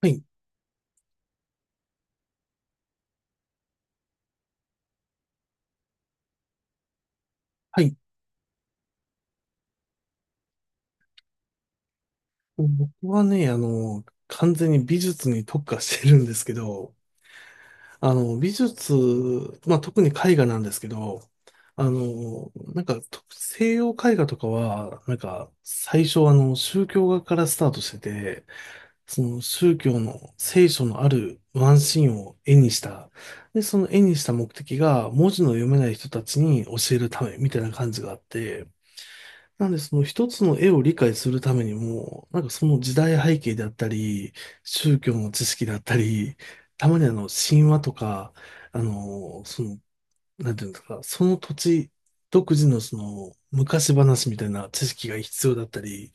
はい、はい。僕はね、完全に美術に特化してるんですけど、美術、まあ、特に絵画なんですけど、と西洋絵画とかは、最初、宗教画からスタートしてて、その宗教の聖書のあるワンシーンを絵にした。で、その絵にした目的が、文字の読めない人たちに教えるため、みたいな感じがあって、なんで、その一つの絵を理解するためにも、その時代背景であったり、宗教の知識であったり、たまに神話とか、あの、その、なんていうんですか、その土地独自のその、昔話みたいな知識が必要だったり、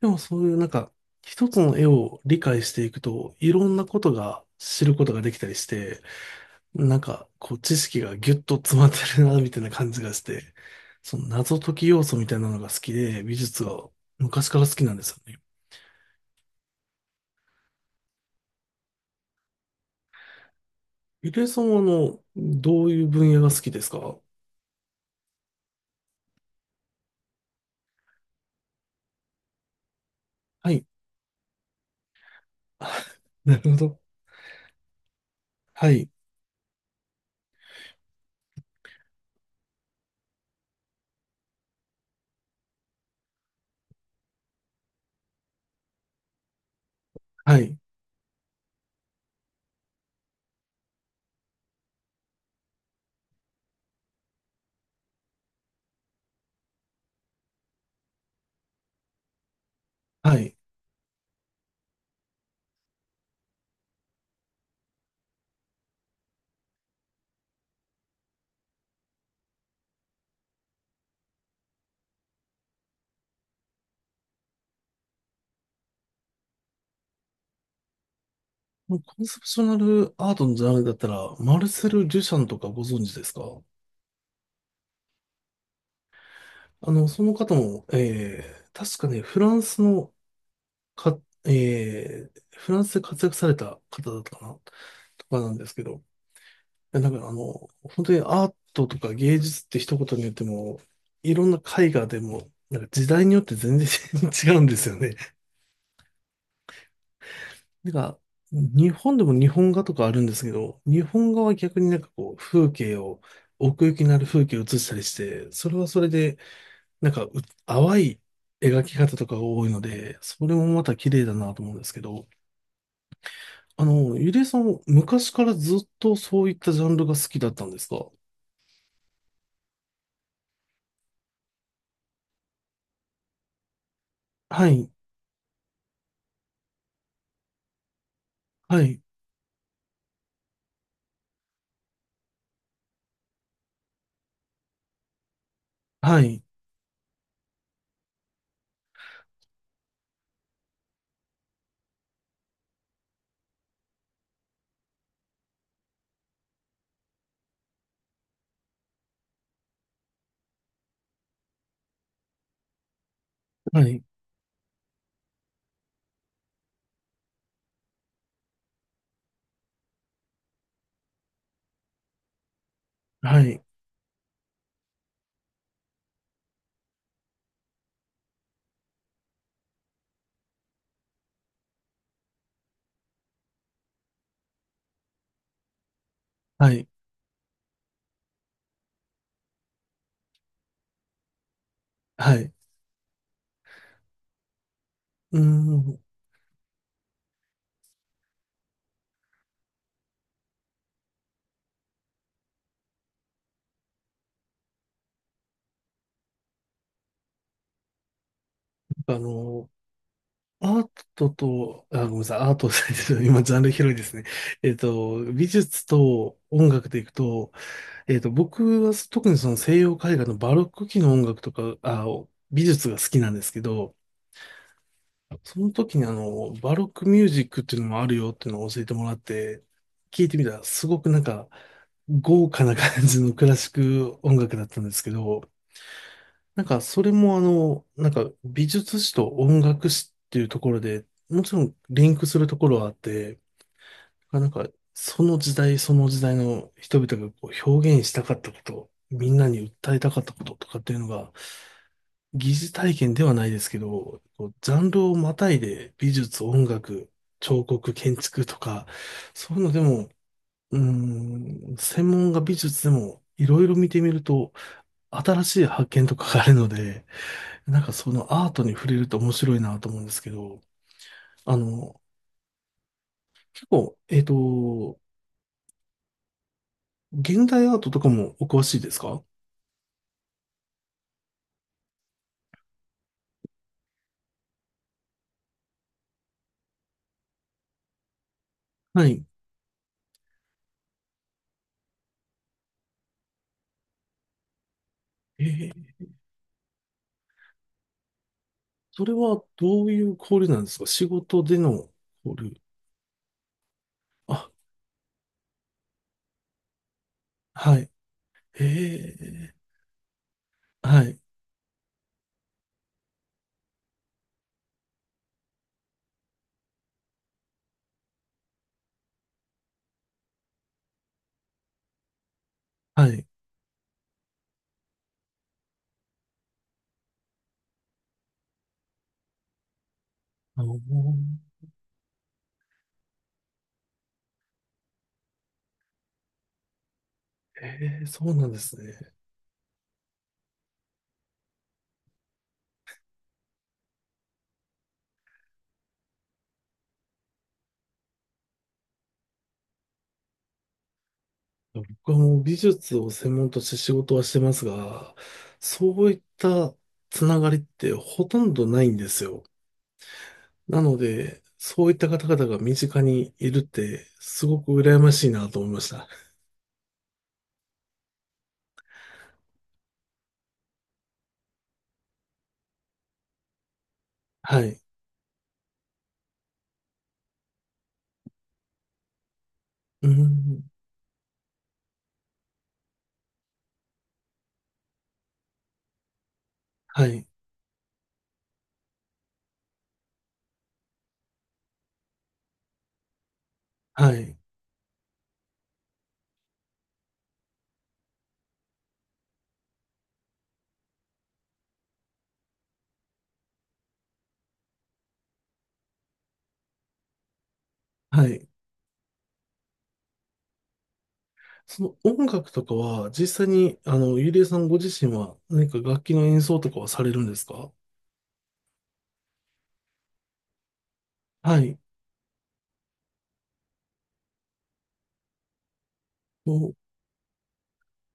でもそういう一つの絵を理解していくと、いろんなことが知ることができたりして、知識がギュッと詰まってるな、みたいな感じがして、その謎解き要素みたいなのが好きで、美術が昔から好きなんですよね。ゆりえさんは、どういう分野が好きですか？はい。なるほど。はい。はい。はい。もうコンセプショナルアートのジャンルだったら、マルセル・デュシャンとかご存知ですか？その方も、確かね、か、フランスで活躍された方だったかなとかなんですけど、や、だから本当にアートとか芸術って一言に言っても、いろんな絵画でも、時代によって全然 違うんですよね。なんか、日本でも日本画とかあるんですけど、日本画は逆に風景を、奥行きのある風景を写したりして、それはそれで、なんかう、淡い描き方とかが多いので、それもまた綺麗だなと思うんですけど、ゆりえさん、昔からずっとそういったジャンルが好きだったんですか？はい、はい、はい、はい。はい、はい、はい。うーん、あの、アートと、あ、ごめんなさい、アートと、今、ジャンル広いですね。えっと、美術と音楽でいくと、えっと、僕は特にその西洋絵画のバロック期の音楽とか、あ、美術が好きなんですけど、その時にバロックミュージックっていうのもあるよっていうのを教えてもらって、聞いてみたら、すごく豪華な感じのクラシック音楽だったんですけど、なんか、それもあの、なんか、美術史と音楽史っていうところで、もちろんリンクするところはあって、なんか、その時代その時代の人々がこう表現したかったこと、みんなに訴えたかったこととかっていうのが、疑似体験ではないですけど、こうジャンルをまたいで美術、音楽、彫刻、建築とか、そういうのでも、うーん、専門が美術でも、いろいろ見てみると、新しい発見とかがあるので、そのアートに触れると面白いなと思うんですけど、あの、結構、えっと、現代アートとかもお詳しいですか？はい。えー、それはどういう交流なんですか？仕事での交流。あ、はい。えー、はい、はい。あの、そうなんですね。僕はもう美術を専門として仕事はしてますが、そういったつながりってほとんどないんですよ。なので、そういった方々が身近にいるって、すごく羨ましいなと思いました。はい。うん。はい。はい。はい。その音楽とかは、実際に、ゆりえさんご自身は何か楽器の演奏とかはされるんですか？はい。もう、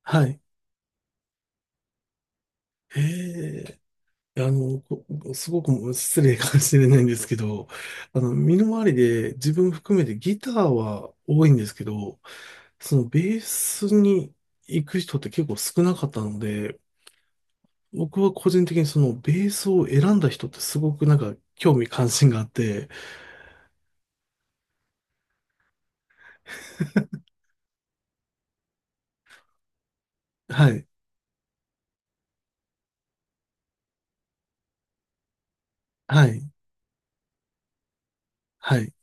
はい。ええ、あの、こすごく失礼かもしれないんですけど、身の回りで自分含めてギターは多いんですけど、そのベースに行く人って結構少なかったので、僕は個人的にそのベースを選んだ人ってすごく興味関心があって、はい、はい、はい。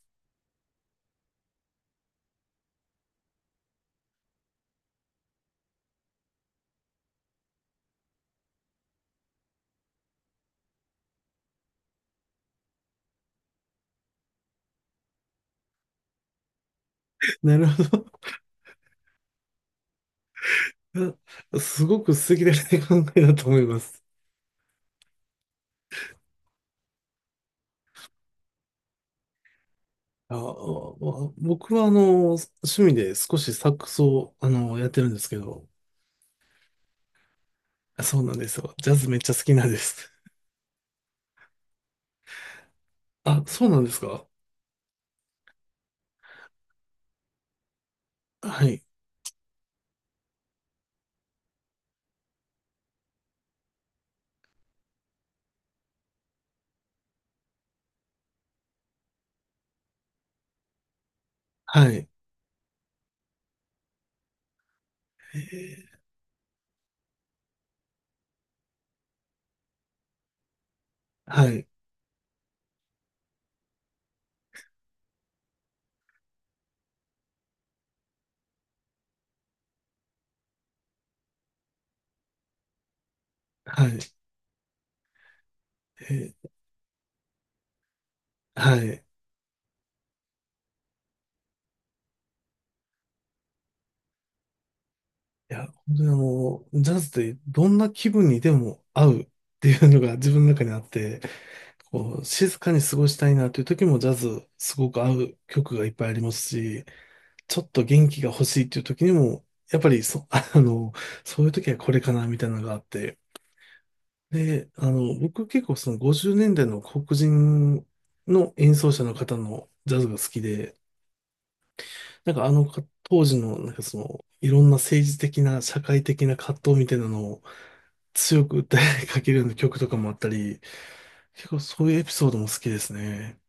なるほど。すごく素敵な考えだと思います。あ、あ僕は趣味で少しサックスをやってるんですけど、あそうなんですよ。ジャズめっちゃ好きなんです。あ、そうなんですか？はい、はい、えーはい、はい、えーはい。いや、本当にジャズってどんな気分にでも合うっていうのが自分の中にあって、こう、静かに過ごしたいなという時もジャズすごく合う曲がいっぱいありますし、ちょっと元気が欲しいっていう時にも、やっぱりそ、そういう時はこれかなみたいなのがあって。で、僕結構その50年代の黒人の演奏者の方のジャズが好きで、なんかあのか当時のいろんな政治的な社会的な葛藤みたいなのを強く訴えかけるような曲とかもあったり、結構そういうエピソードも好きですね。